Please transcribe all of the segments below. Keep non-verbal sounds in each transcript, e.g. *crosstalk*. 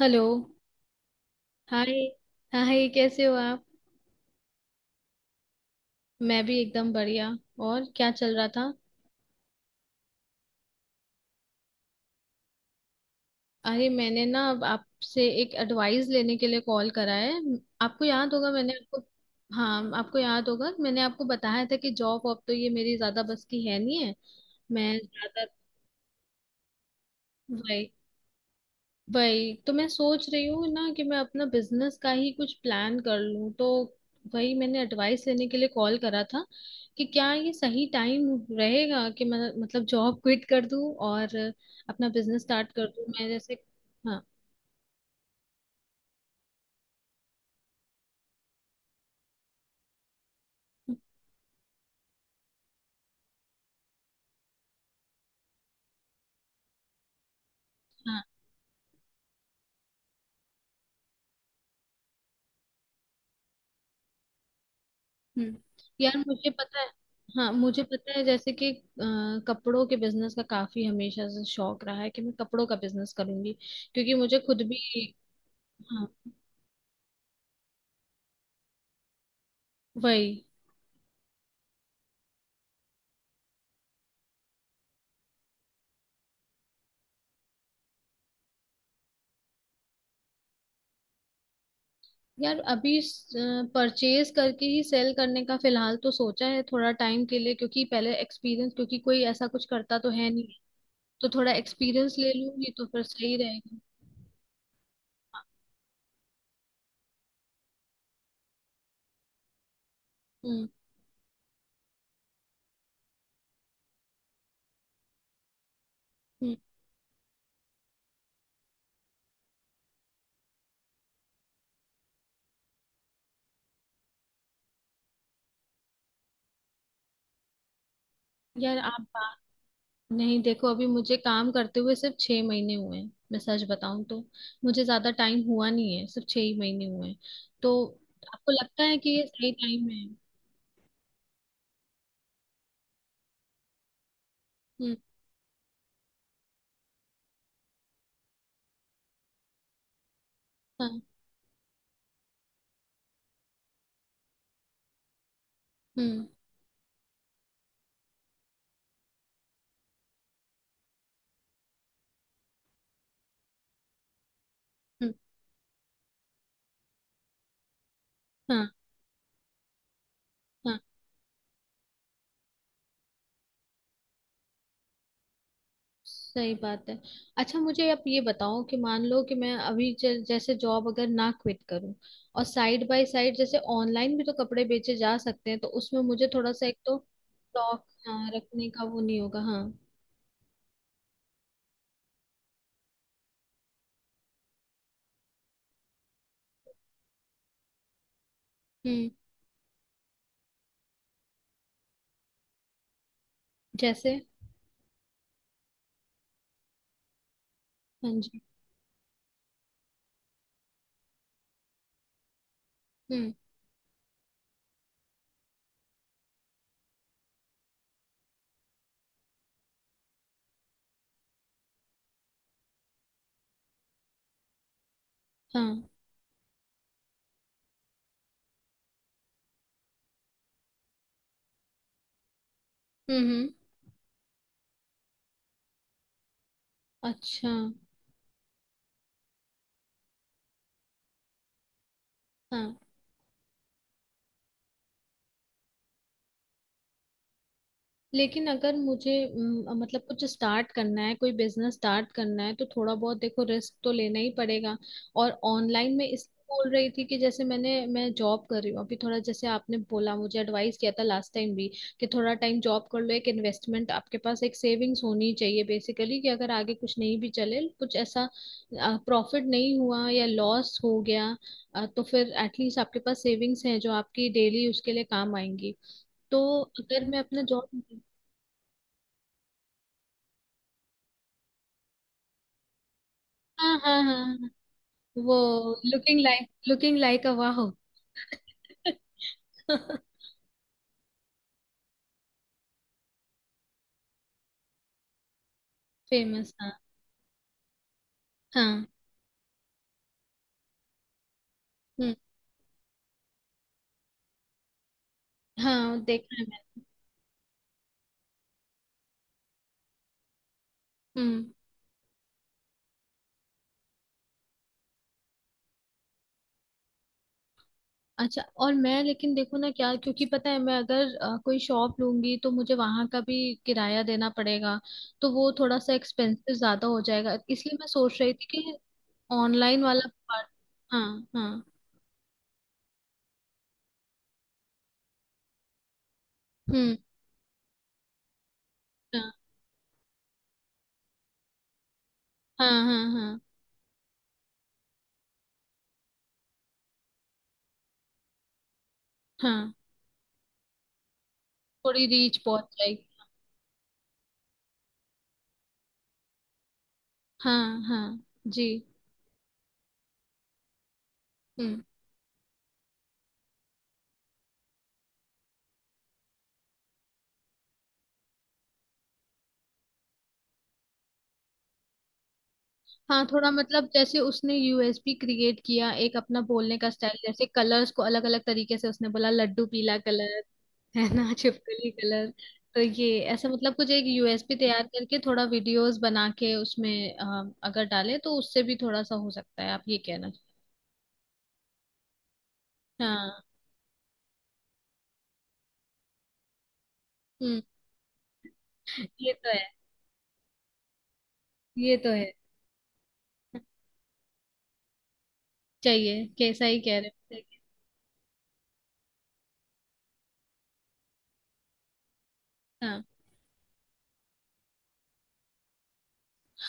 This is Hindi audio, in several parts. हेलो। Hi hi. कैसे हो आप? मैं भी एकदम बढ़िया। और क्या चल रहा था? अरे मैंने ना अब आपसे एक एडवाइस लेने के लिए कॉल करा है। आपको याद होगा मैंने आपको हाँ, आपको याद होगा कि मैंने आपको बताया था कि जॉब वॉब तो ये मेरी ज्यादा बस की है नहीं है। मैं ज्यादा वही वही तो मैं सोच रही हूँ ना, कि मैं अपना बिजनेस का ही कुछ प्लान कर लूँ, तो वही मैंने एडवाइस लेने के लिए कॉल करा था। कि क्या ये सही टाइम रहेगा कि मैं मतलब जॉब क्विट कर दूँ और अपना बिजनेस स्टार्ट कर दूँ, मैं जैसे। हाँ हाँ। हम्म। यार मुझे पता है। हाँ मुझे पता है, जैसे कि कपड़ों के बिजनेस का काफी हमेशा से शौक रहा है कि मैं कपड़ों का बिजनेस करूंगी, क्योंकि मुझे खुद भी। हाँ। वही। यार अभी परचेज करके ही सेल करने का फिलहाल तो सोचा है थोड़ा टाइम के लिए, क्योंकि पहले एक्सपीरियंस, क्योंकि कोई ऐसा कुछ करता तो है नहीं। तो थोड़ा एक्सपीरियंस ले लूंगी तो फिर सही रहेगा। हम्म। हम्म। यार आप बात नहीं, देखो, अभी मुझे काम करते हुए सिर्फ 6 महीने हुए हैं, मैं सच बताऊं तो। मुझे ज्यादा टाइम हुआ नहीं है, सिर्फ 6 ही महीने हुए हैं। तो आपको लगता है कि ये सही टाइम है? हम्म। हाँ। हम्म। हम्म। हाँ। हाँ। सही बात है। अच्छा, मुझे आप ये बताओ कि मान लो कि मैं अभी जैसे जॉब अगर ना क्विट करूं, और साइड बाय साइड जैसे ऑनलाइन भी तो कपड़े बेचे जा सकते हैं, तो उसमें मुझे थोड़ा सा एक तो स्टॉक, हाँ, रखने का वो नहीं होगा। हाँ। हम्म। जैसे? हाँ जी। हम्म। हाँ। हम्म। हम्म। अच्छा। हाँ। लेकिन अगर मुझे मतलब कुछ स्टार्ट करना है, कोई बिजनेस स्टार्ट करना है, तो थोड़ा बहुत देखो, रिस्क तो लेना ही पड़ेगा। और ऑनलाइन में इस बोल रही थी कि जैसे मैंने, मैं जॉब कर रही हूँ अभी, थोड़ा जैसे आपने बोला, मुझे एडवाइस किया था लास्ट टाइम भी, कि थोड़ा टाइम जॉब कर लो, एक इन्वेस्टमेंट आपके पास, एक सेविंग्स होनी चाहिए बेसिकली, कि अगर आगे कुछ नहीं भी चले, कुछ ऐसा प्रॉफिट नहीं हुआ या लॉस हो गया, तो फिर एटलीस्ट आपके पास सेविंग्स हैं जो आपकी डेली उसके लिए काम आएंगी। तो अगर मैं अपना जॉब। हाँ हाँ हाँ हाँ, हाँ। वो लुकिंग लाइक, अ वाह। फेमस *laughs* हाँ। हाँ। हम्म। हाँ देखा है। मैंने। हम्म। अच्छा, और मैं, लेकिन देखो ना क्या, क्योंकि पता है मैं अगर कोई शॉप लूंगी तो मुझे वहां का भी किराया देना पड़ेगा, तो वो थोड़ा सा एक्सपेंसिव ज्यादा हो जाएगा, इसलिए मैं सोच रही थी कि ऑनलाइन वाला हाँ। हाँ। हम्म। हाँ। हाँ। हाँ। हाँ। हाँ, थोड़ी रीच पहुंच जाएगी। हाँ। हाँ जी। हम्म। हाँ, थोड़ा, मतलब जैसे उसने यूएसपी क्रिएट किया, एक अपना बोलने का स्टाइल, जैसे कलर्स को अलग अलग तरीके से उसने बोला, लड्डू पीला कलर, है ना *laughs* छिपकली कलर। तो ये, ऐसा मतलब कुछ एक यूएसपी तैयार करके, थोड़ा वीडियोस बना के उसमें अगर डाले, तो उससे भी थोड़ा सा हो सकता है, आप ये कहना। हाँ। हम्म। ये तो है। ये तो है। चाहिए, कैसा ही कह रहे हो, सही है। हाँ।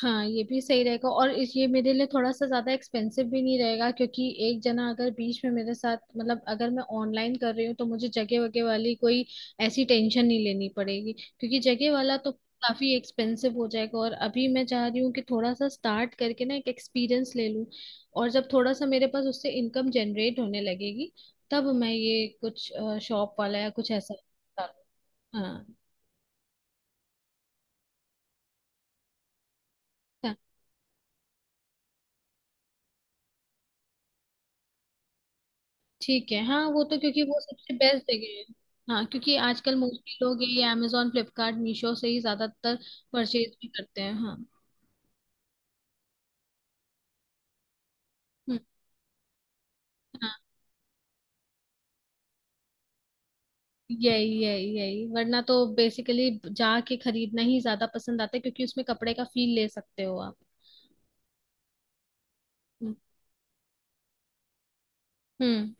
हाँ, ये भी सही रहेगा। ये मेरे लिए थोड़ा सा ज्यादा एक्सपेंसिव भी नहीं रहेगा, क्योंकि एक जना अगर बीच में मेरे साथ, मतलब अगर मैं ऑनलाइन कर रही हूँ तो मुझे जगह वगैरह वाली कोई ऐसी टेंशन नहीं लेनी पड़ेगी, क्योंकि जगह वाला तो काफी एक्सपेंसिव हो जाएगा। और अभी मैं चाह रही हूँ कि थोड़ा सा स्टार्ट करके ना एक एक्सपीरियंस ले लूँ, और जब थोड़ा सा मेरे पास उससे इनकम जनरेट होने लगेगी, तब मैं ये कुछ शॉप वाला या कुछ ऐसा करूँ। हाँ। ठीक है, हाँ, वो तो क्योंकि वो सबसे बेस्ट जगह है। हाँ, क्योंकि आजकल मोस्टली लोग ये अमेजोन फ्लिपकार्ट मीशो से ही ज्यादातर परचेज भी करते हैं। हाँ। हम्म। हाँ, यही यही यही, वरना तो बेसिकली जाके खरीदना ही ज्यादा पसंद आता है, क्योंकि उसमें कपड़े का फील ले सकते हो आप। हम्म। हम्म।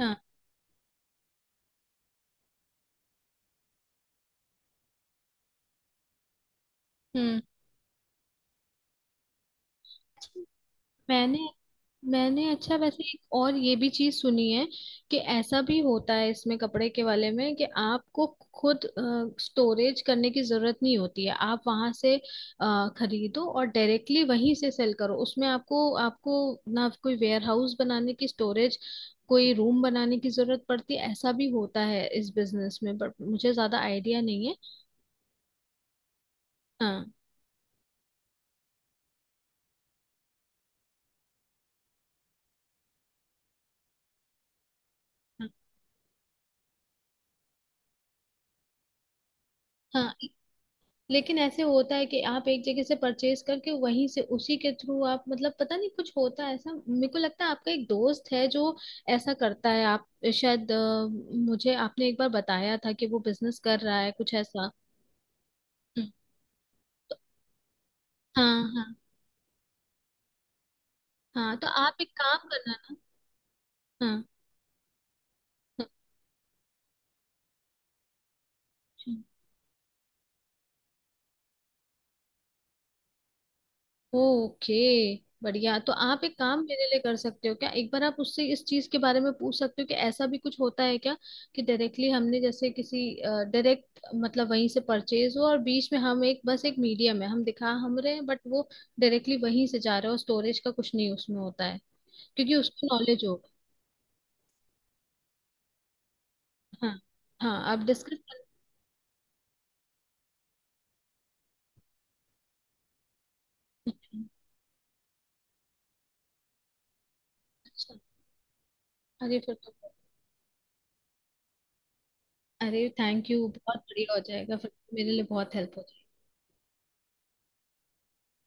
हाँ। हम्म। मैंने मैंने अच्छा, वैसे एक और ये भी चीज सुनी है कि ऐसा भी होता है इसमें कपड़े के वाले में, कि आपको खुद स्टोरेज करने की जरूरत नहीं होती है, आप वहां से खरीदो और डायरेक्टली वहीं से सेल करो, उसमें आपको आपको ना कोई वेयर हाउस बनाने की, स्टोरेज, कोई रूम बनाने की जरूरत पड़ती है, ऐसा भी होता है इस बिजनेस में, बट मुझे ज्यादा आइडिया नहीं है। हाँ। हाँ। हाँ, लेकिन ऐसे होता है कि आप एक जगह से परचेज करके वहीं से उसी के थ्रू आप, मतलब पता नहीं कुछ होता है ऐसा मेरे को लगता है, आपका एक दोस्त है जो ऐसा करता है, आप शायद, मुझे आपने एक बार बताया था कि वो बिजनेस कर रहा है कुछ ऐसा। हम्म। तो- हाँ हाँ। हाँ, तो आप एक काम करना ना। हाँ हाँ। अच्छा। ओके, बढ़िया, तो आप एक काम मेरे लिए कर सकते हो क्या, एक बार आप उससे इस चीज के बारे में पूछ सकते हो कि ऐसा भी कुछ होता है क्या, कि डायरेक्टली हमने जैसे किसी, डायरेक्ट मतलब वहीं से परचेज हो और बीच में हम एक बस एक मीडियम है, हम दिखा हम रहे हैं, बट वो डायरेक्टली वहीं से जा रहा है और स्टोरेज का कुछ नहीं उसमें होता है, क्योंकि उसको नॉलेज होगा। हाँ। हाँ, आप डिस्कस कर। अच्छा। अरे फिर तो, अरे थैंक यू, बहुत बढ़िया हो जाएगा फिर तो मेरे लिए, बहुत हेल्प।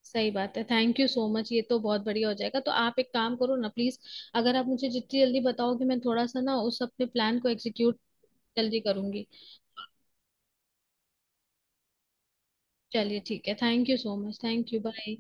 सही बात है, थैंक यू सो मच, ये तो बहुत बढ़िया हो जाएगा। तो आप एक काम करो ना प्लीज, अगर आप मुझे जितनी जल्दी बताओगे, मैं थोड़ा सा ना उस अपने प्लान को एग्जीक्यूट जल्दी करूंगी। चलिए ठीक है, thank you so much, thank you, bye.